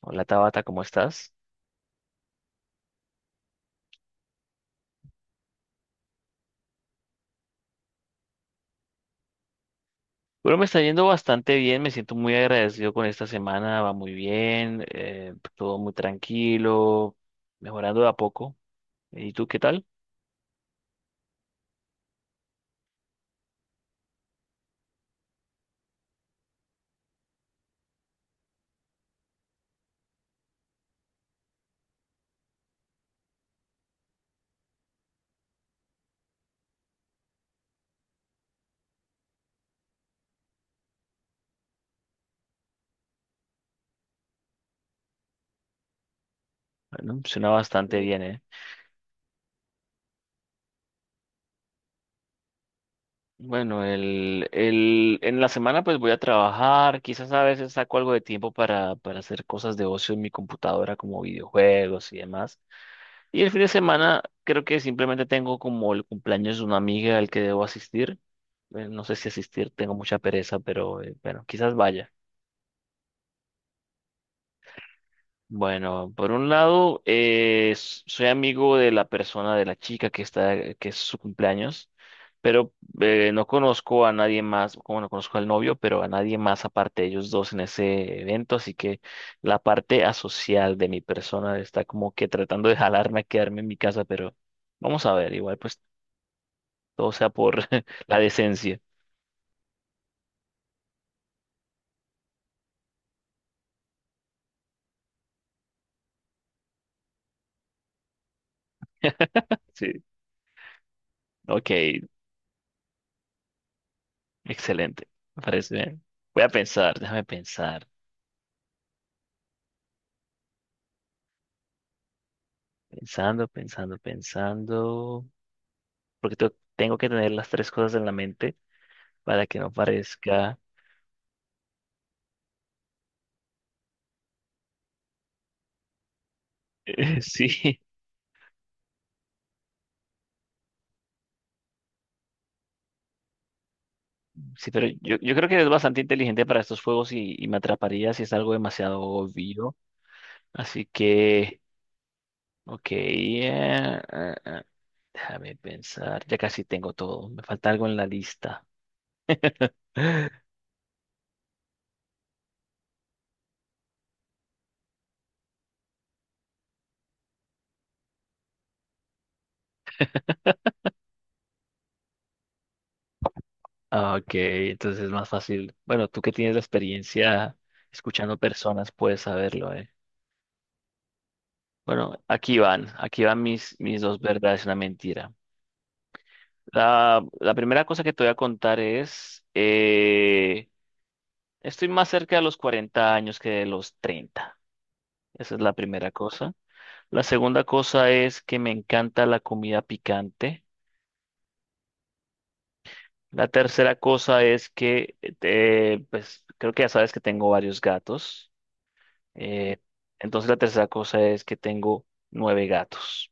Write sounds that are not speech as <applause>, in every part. Hola Tabata, ¿cómo estás? Bueno, me está yendo bastante bien, me siento muy agradecido con esta semana, va muy bien, todo muy tranquilo, mejorando de a poco. ¿Y tú qué tal? Bueno, suena bastante bien, ¿eh? Bueno, en la semana pues voy a trabajar, quizás a veces saco algo de tiempo para hacer cosas de ocio en mi computadora como videojuegos y demás. Y el fin de semana creo que simplemente tengo como el cumpleaños de una amiga al que debo asistir. No sé si asistir, tengo mucha pereza, pero bueno, quizás vaya. Bueno, por un lado, soy amigo de la persona, de la chica que está, que es su cumpleaños, pero no conozco a nadie más, como no conozco al novio, pero a nadie más aparte de ellos dos en ese evento, así que la parte asocial de mi persona está como que tratando de <laughs> jalarme a quedarme en mi casa, pero vamos a ver, igual pues todo sea por <laughs> la decencia. Sí, ok, excelente, me parece bien. Voy a pensar, déjame pensar. Pensando, pensando, pensando. Porque tengo que tener las tres cosas en la mente para que no parezca. <laughs> Sí, sí, pero yo creo que es bastante inteligente para estos juegos y me atraparía si es algo demasiado obvio. Así que, ok, déjame pensar. Ya casi tengo todo. Me falta algo en la lista. Ah, ok, entonces es más fácil. Bueno, tú que tienes la experiencia escuchando personas puedes saberlo, ¿eh? Bueno, aquí van mis dos verdades y una mentira. La primera cosa que te voy a contar es, estoy más cerca de los 40 años que de los 30. Esa es la primera cosa. La segunda cosa es que me encanta la comida picante. La tercera cosa es que, pues creo que ya sabes que tengo varios gatos. Eh, entonces la tercera cosa es que tengo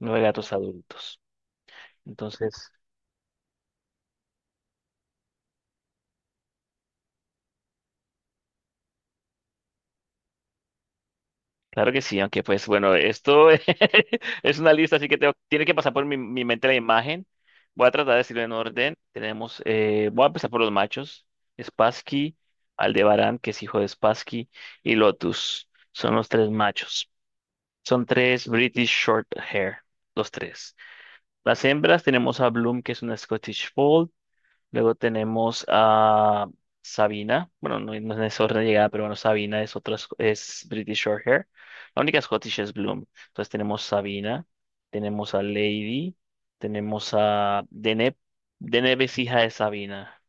nueve gatos adultos. Entonces, claro que sí, aunque pues bueno, esto <laughs> es una lista, así que tiene que pasar por mi mente la imagen. Voy a tratar de decirlo en orden. Tenemos, voy a empezar por los machos, Spassky, Aldebarán, que es hijo de Spassky, y Lotus. Son los tres machos. Son tres British Short Hair, los tres. Las hembras tenemos a Bloom, que es una Scottish Fold. Luego tenemos a Sabina. Bueno, no, no es en ese orden de llegada, pero bueno, Sabina es otra, es British Shorthair. La única Scottish es Bloom. Entonces tenemos Sabina, tenemos a Lady, tenemos a Deneb. Deneb es hija de Sabina.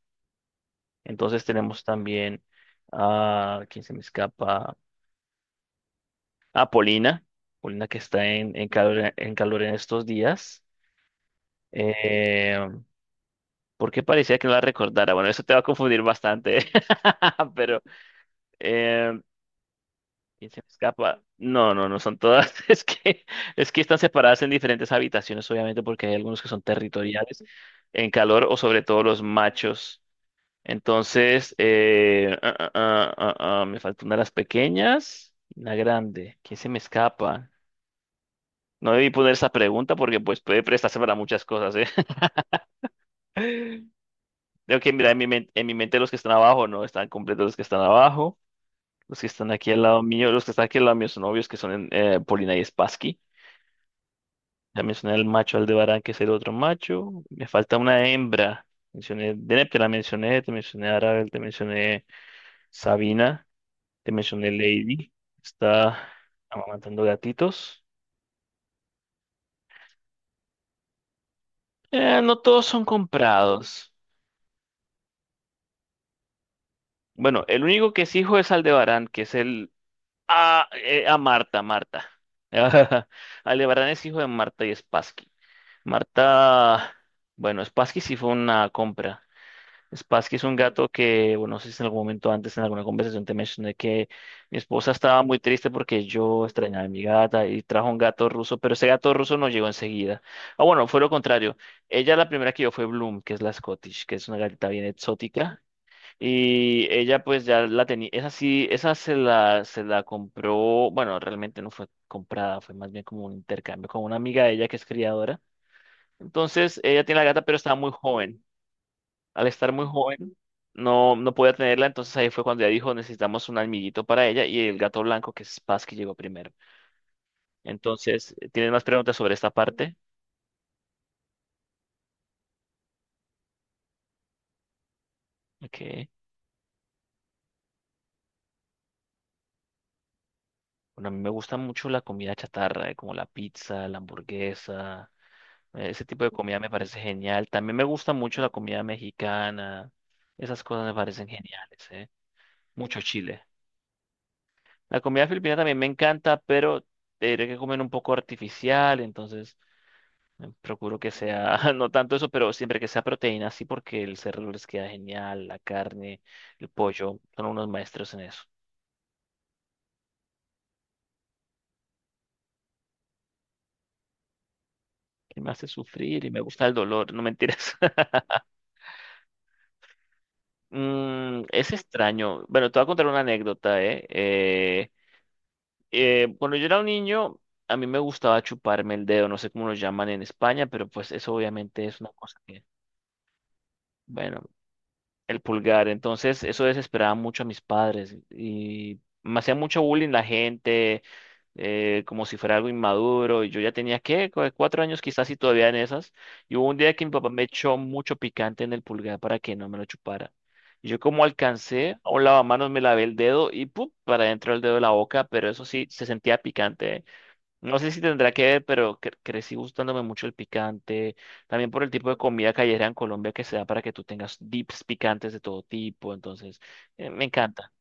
Entonces tenemos también a, ¿quién se me escapa? A Polina. Polina que está en calor, en calor en estos días. Eh, ¿Por qué parecía que no la recordara? Bueno, eso te va a confundir bastante, <laughs> pero... Eh, ¿quién se me escapa? No, no, no son todas. <laughs> Es que están separadas en diferentes habitaciones, obviamente, porque hay algunos que son territoriales en calor o sobre todo los machos. Entonces, me falta una de las pequeñas, una grande. ¿Quién se me escapa? No debí poner esa pregunta porque pues puede prestarse para muchas cosas, ¿eh? <laughs> Tengo que mirar en mi mente los que están abajo, ¿no? Están completos los que están abajo. Los que están aquí al lado mío, los que están aquí al lado mío son obvios que son en, Polina y Spassky. Ya mencioné el macho Aldebarán, que es el otro macho. Me falta una hembra. Mencioné Deneb, te la mencioné, te mencioné Arabel, te mencioné Sabina, te mencioné Lady. Está amamantando gatitos. No todos son comprados. Bueno, el único que es hijo es Aldebarán, que es el... Ah, a Marta, Marta. <laughs> Aldebarán es hijo de Marta y Spassky. Marta... Bueno, Spassky sí fue una compra. Spassky es un gato que, bueno, no sé si en algún momento antes en alguna conversación te mencioné que mi esposa estaba muy triste porque yo extrañaba a mi gata y trajo un gato ruso, pero ese gato ruso no llegó enseguida. Ah, bueno, fue lo contrario. Ella la primera que yo fue Bloom, que es la Scottish, que es una gatita bien exótica. Y ella pues ya la tenía, esa sí, esa se la compró, bueno, realmente no fue comprada, fue más bien como un intercambio con una amiga de ella que es criadora. Entonces, ella tiene la gata, pero estaba muy joven. Al estar muy joven, no podía tenerla, entonces ahí fue cuando ella dijo, necesitamos un almiguito para ella y el gato blanco, que es Paz, que llegó primero. Entonces, ¿tienes más preguntas sobre esta parte? Ok. Bueno, a mí me gusta mucho la comida chatarra, como la pizza, la hamburguesa, ese tipo de comida me parece genial. También me gusta mucho la comida mexicana, esas cosas me parecen geniales, ¿eh? Mucho chile. La comida filipina también me encanta, pero tendré que comer un poco artificial, entonces... Procuro que sea, <laughs> no tanto eso, pero siempre que sea proteína, sí, porque el cerdo les queda genial, la carne, el pollo, son unos maestros en eso. Y me hace sufrir y me gusta el dolor, no mentiras. <laughs> Mm, es extraño. Bueno, te voy a contar una anécdota, ¿eh? Cuando yo era un niño, a mí me gustaba chuparme el dedo, no sé cómo lo llaman en España, pero pues eso obviamente es una cosa que, bueno, el pulgar. Entonces, eso desesperaba mucho a mis padres y me hacía mucho bullying la gente como si fuera algo inmaduro. Y yo ya tenía, ¿qué? 4 años quizás y todavía en esas. Y hubo un día que mi papá me echó mucho picante en el pulgar para que no me lo chupara. Y yo como alcancé, a un lavamanos me lavé el dedo y ¡pum! Para dentro del dedo de la boca, pero eso sí, se sentía picante, ¿eh? No sé si tendrá que ver, pero crecí gustándome mucho el picante. También por el tipo de comida callejera en Colombia que se da para que tú tengas dips picantes de todo tipo. Entonces, me encanta.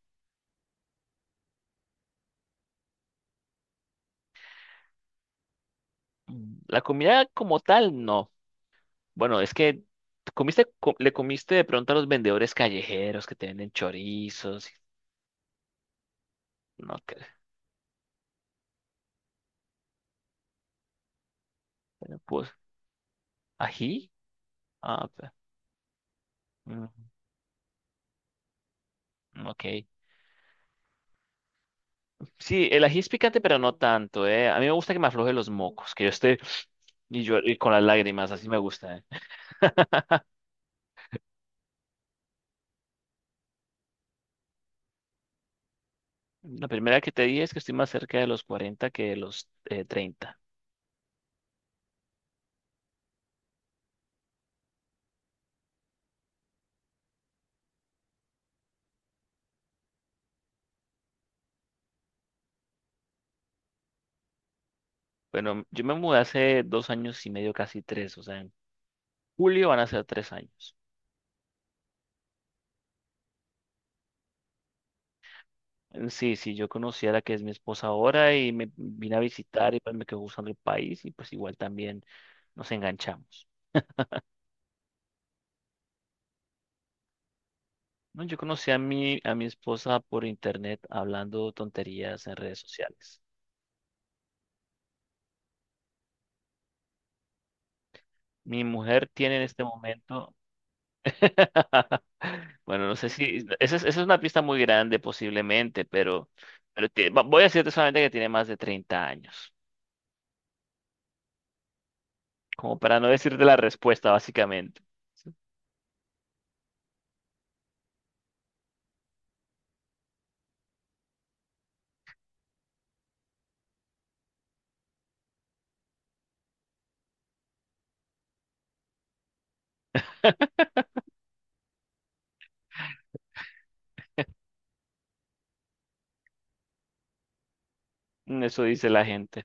Mm, la comida como tal, no. Bueno, es que comiste, le comiste de pronto a los vendedores callejeros que te venden chorizos. No, que, bueno, pues, ají. Ah, mm, mm, ok. Sí, el ají es picante, pero no tanto, ¿eh? A mí me gusta que me afloje los mocos, que yo esté y yo y con las lágrimas, así me gusta, ¿eh? La primera que te dije es que estoy más cerca de los 40 que de los 30. Bueno, yo me mudé hace 2 años y medio, casi tres, o sea, en julio van a ser 3 años. Sí, sí, yo conocí a la que es mi esposa ahora y me vine a visitar y pues me quedó gustando el país y pues igual también nos enganchamos. No, yo conocí a a mi esposa por internet hablando tonterías en redes sociales. Mi mujer tiene en este momento, <laughs> bueno, no sé si, esa es una pista muy grande posiblemente, pero, pero voy a decirte solamente que tiene más de 30 años, como para no decirte la respuesta básicamente. <laughs> Eso dice la gente.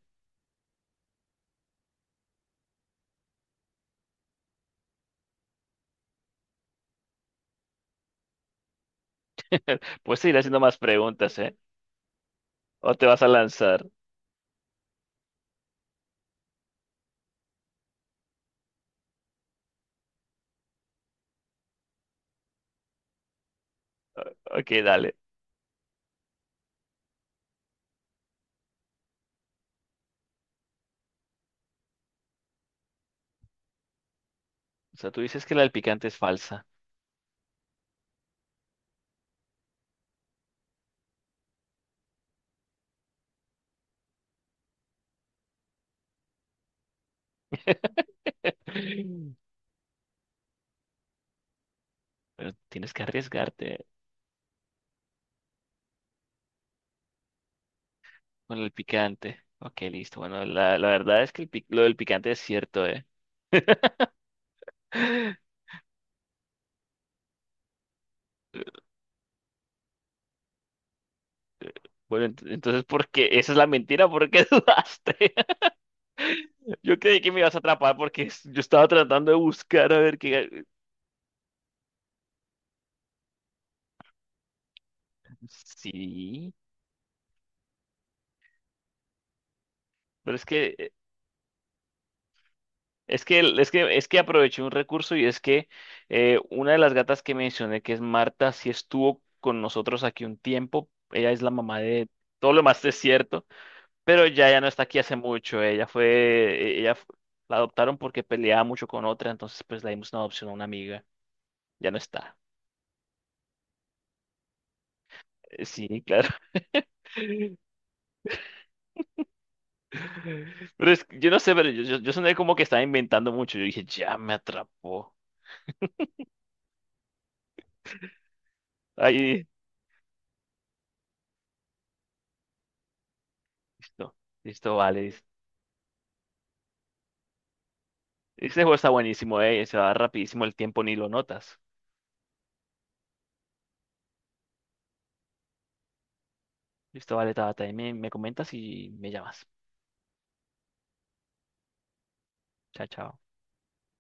Pues te iré haciendo más preguntas, ¿eh? O te vas a lanzar. Ok, dale. O sea, tú dices que la del picante es falsa. <laughs> Pero tienes que arriesgarte con el picante. Ok, listo. Bueno, la verdad es que el lo del picante es cierto, ¿eh? <laughs> Bueno, entonces, ¿por qué? Esa es la mentira, ¿por qué <laughs> dudaste? <laughs> Yo creí que me ibas a atrapar porque yo estaba tratando de buscar a ver qué... Sí, pero es que es que aproveché un recurso y es que una de las gatas que mencioné, que es Marta, sí estuvo con nosotros aquí un tiempo. Ella es la mamá de todo lo más <laughs> es cierto, pero ya, ya no está aquí hace mucho. Ella fue, e-, ella fu- la adoptaron porque peleaba mucho con otra, entonces pues le dimos una adopción a una amiga. Ya no está. Sí, claro. <laughs> Pero es, que yo no sé, pero yo soné como que estaba inventando mucho. Yo dije, ya me atrapó. Ahí, listo, listo, vale. Este juego está buenísimo, se va rapidísimo el tiempo, ni lo notas. Listo, vale, Tabata, ahí me comentas y me llamas. Chao, chao.